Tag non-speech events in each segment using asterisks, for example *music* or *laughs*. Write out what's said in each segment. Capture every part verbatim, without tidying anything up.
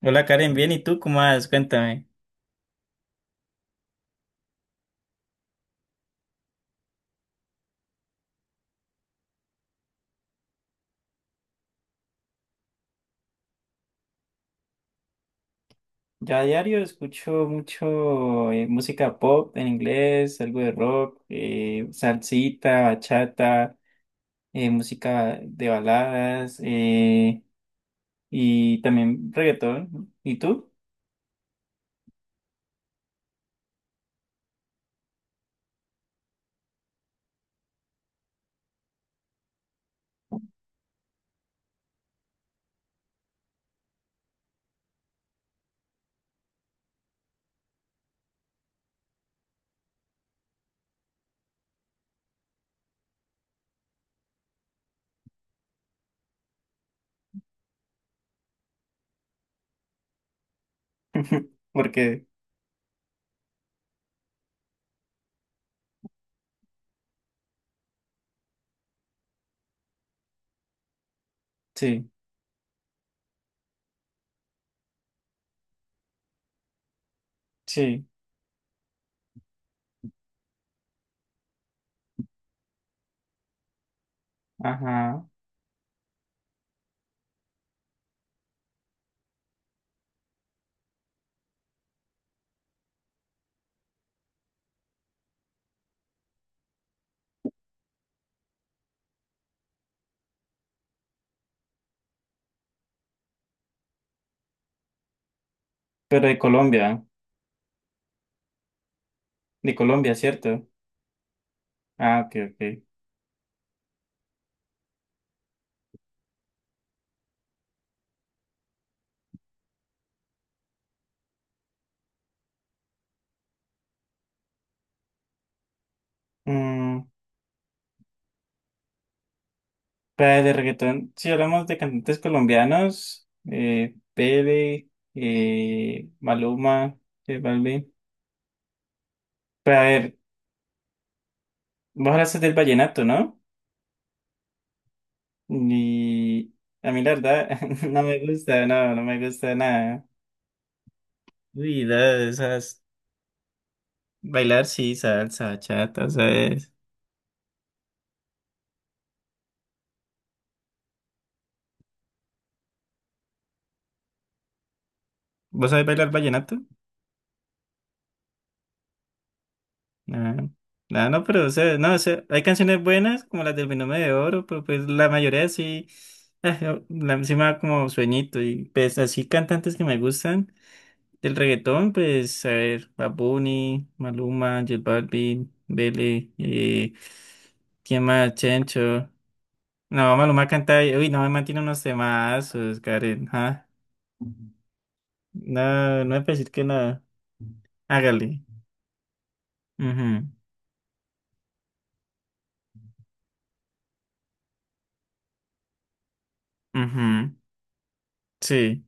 Hola Karen, bien, ¿y tú cómo vas? Cuéntame. Ya a diario escucho mucho eh, música pop en inglés, algo de rock, eh, salsita, bachata, eh, música de baladas eh, y también reggaetón. ¿Y tú? *laughs* Porque sí, sí, ajá. Pero de Colombia, de Colombia, ¿cierto? Ah, ok, ok. Mm, Para de reggaetón, si hablamos de cantantes colombianos, eh, Pele, eh, Maluma, J Balvin. Pero a ver, vos hablaste del vallenato, ¿no? Y a mí la verdad *laughs* no me gusta, no, no me gusta nada. Uy, no, esas, bailar sí, salsa, chata, ¿sabes? ¿Vos sabés bailar vallenato? Ah, ah, no, pero o sea, no, o sea, hay canciones buenas como las del Binomio de Oro, pero pues la mayoría sí, ah, yo- la, sí me da como sueñito. Y pues así cantantes que me gustan del reggaetón, pues a ver, Bad Bunny, Maluma, J Balvin, Bele, eh, ¿quién más? Chencho. No, Maluma canta, uy, no, me mantiene unos temazos, Karen, ah. No, no me puede decir que nada. Hágale. Ujú, ujú, sí,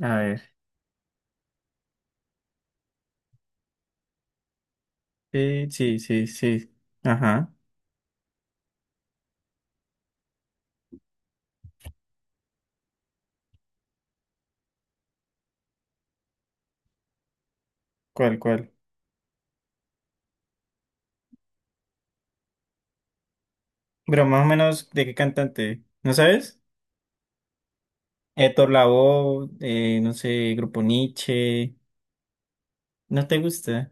a ver. Sí, sí, sí, sí. Ajá. ¿Cuál, cuál? Pero más o menos, ¿de qué cantante? ¿No sabes? Héctor Lavoe, eh, no sé, Grupo Nietzsche. ¿No te gusta?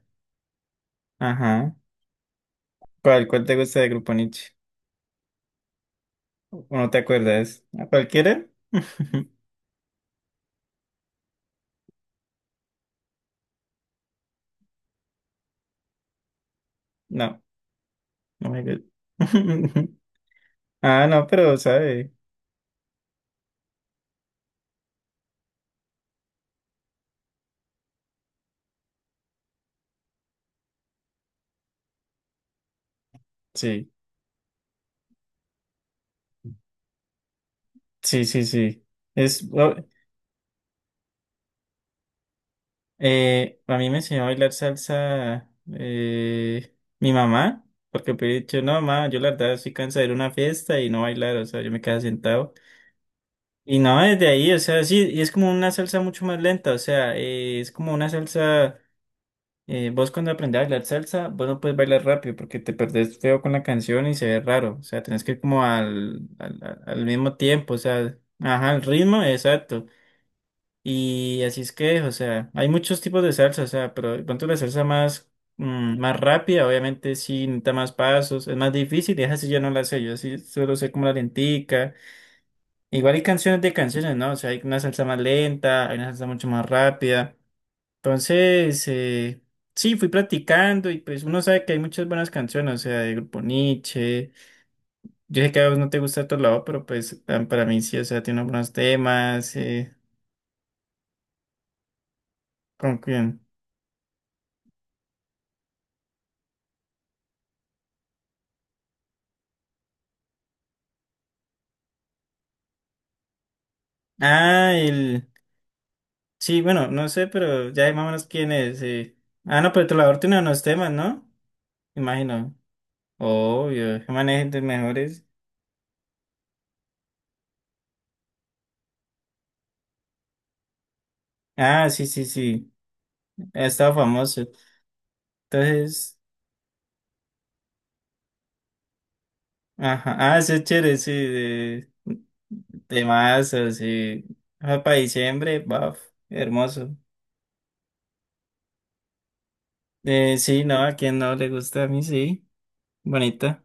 Ajá. ¿Cuál, cuál te gusta de Grupo Nietzsche? ¿O no te acuerdas? ¿A cualquiera? *laughs* No, no me gusta. *laughs* Ah, no, pero sabe. Sí, sí, sí, sí. Es, Eh, a mí me enseñó a bailar salsa eh, mi mamá, porque me he dicho, no, mamá, yo la verdad estoy cansada de ir a una fiesta y no bailar, o sea, yo me quedaba sentado. Y no, desde ahí, o sea, sí, y es como una salsa mucho más lenta, o sea, eh, es como una salsa, eh, vos cuando aprendés a bailar salsa, vos no puedes bailar rápido porque te perdés feo con la canción y se ve raro, o sea, tenés que ir como al, al, al al mismo tiempo, o sea, ajá, el ritmo, exacto. Y así es que, o sea, hay muchos tipos de salsa, o sea, pero de pronto la salsa más, mm, más rápida, obviamente sí necesita más pasos, es más difícil, y esa sí yo no la sé, yo sí solo sé como la lentica. Igual hay canciones de canciones, ¿no? O sea, hay una salsa más lenta, hay una salsa mucho más rápida. Entonces, eh, sí, fui practicando y pues uno sabe que hay muchas buenas canciones, o sea, de Grupo Nietzsche. Yo sé que a vos no te gusta otro lado, pero pues ah, para mí sí, o sea, tiene unos buenos temas, eh, con quién. Ah, el... Sí, bueno, no sé, pero ya hay más o menos quién es, sí. Ah, no, pero Trovador tiene unos temas, ¿no? Imagino. Obvio, que manejen de mejores. Ah, sí, sí, sí. Ha estado famoso. Entonces, ajá. Ah, ese es chévere, sí, de, de mazo, sí. Ah, para diciembre, baf, hermoso. Eh, sí, no, a quien no le gusta a mí, sí. Bonita.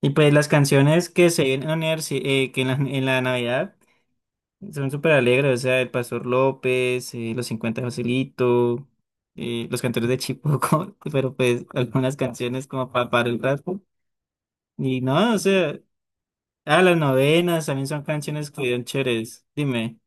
Y pues las canciones que se vienen a unir, sí, eh, que en la, en la Navidad. Son súper alegres, o sea, el Pastor López, eh, los cincuenta de Joselito, eh, los cantores de Chipoco, *laughs* pero pues algunas canciones como pa- para, el rato. Y no, o sea, ah, las novenas también son canciones que son chéveres. Dime.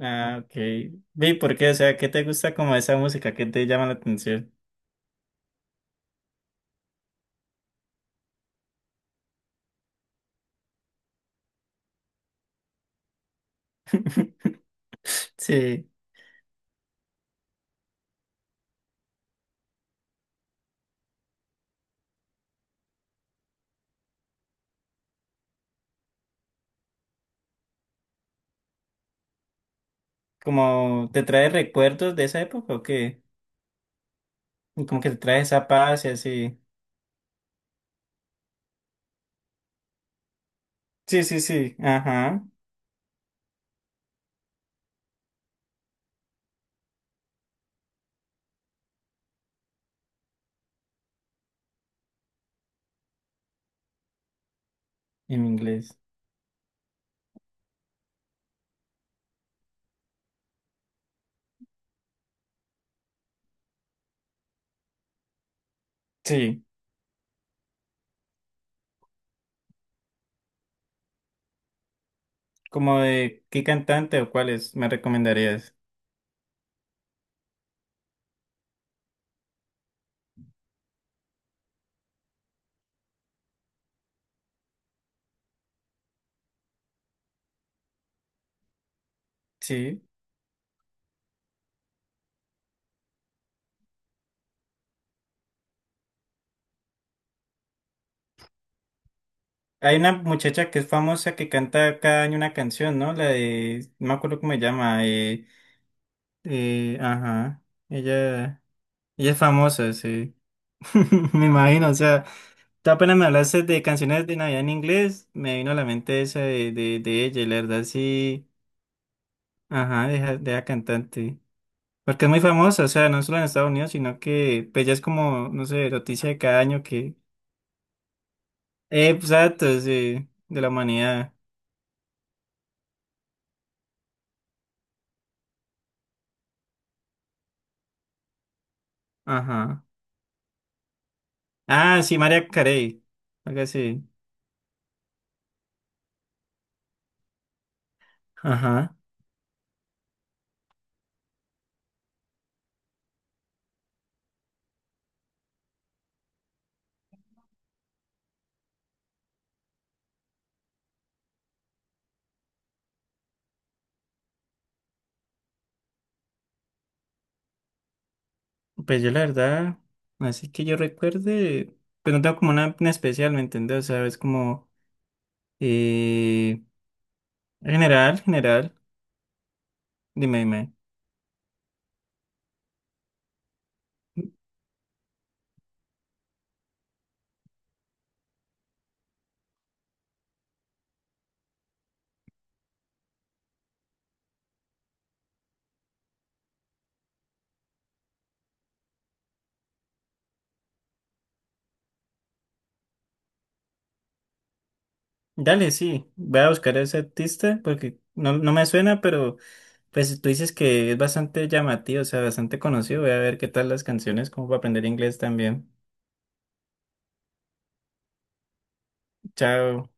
Ah, ok. Vi, ¿por qué? O sea, ¿qué te gusta como esa música? ¿Qué te llama la atención? *laughs* Sí, ¿como te trae recuerdos de esa época o qué? Como que te trae esa paz y así. Sí, sí, sí, ajá, en inglés. Sí. Como de qué cantante o cuáles me recomendarías. Sí. Hay una muchacha que es famosa que canta cada año una canción, ¿no? La de, no me acuerdo cómo se llama. Eh, eh, ajá. Ella, ella es famosa, sí. *laughs* Me imagino, o sea, tú apenas me hablaste de canciones de Navidad en inglés, me vino a la mente esa de, de, de ella, y la verdad sí. Ajá, deja, deja cantante. Porque es muy famosa, o sea, no solo en Estados Unidos, sino que pues ya es como, no sé, noticia de cada año que Eh, pues, exacto, sí, de la humanidad. Ajá. Ah, sí, María Carey. Algo así. Ajá. Pues yo la verdad, así que yo recuerde, pues no tengo como una en especial, ¿me entiendes? O sea, es como eh, general, general. Dime, dime. Dale, sí. Voy a buscar a ese artista porque no, no me suena, pero pues tú dices que es bastante llamativo, o sea, bastante conocido. Voy a ver qué tal las canciones, como para aprender inglés también. Chao.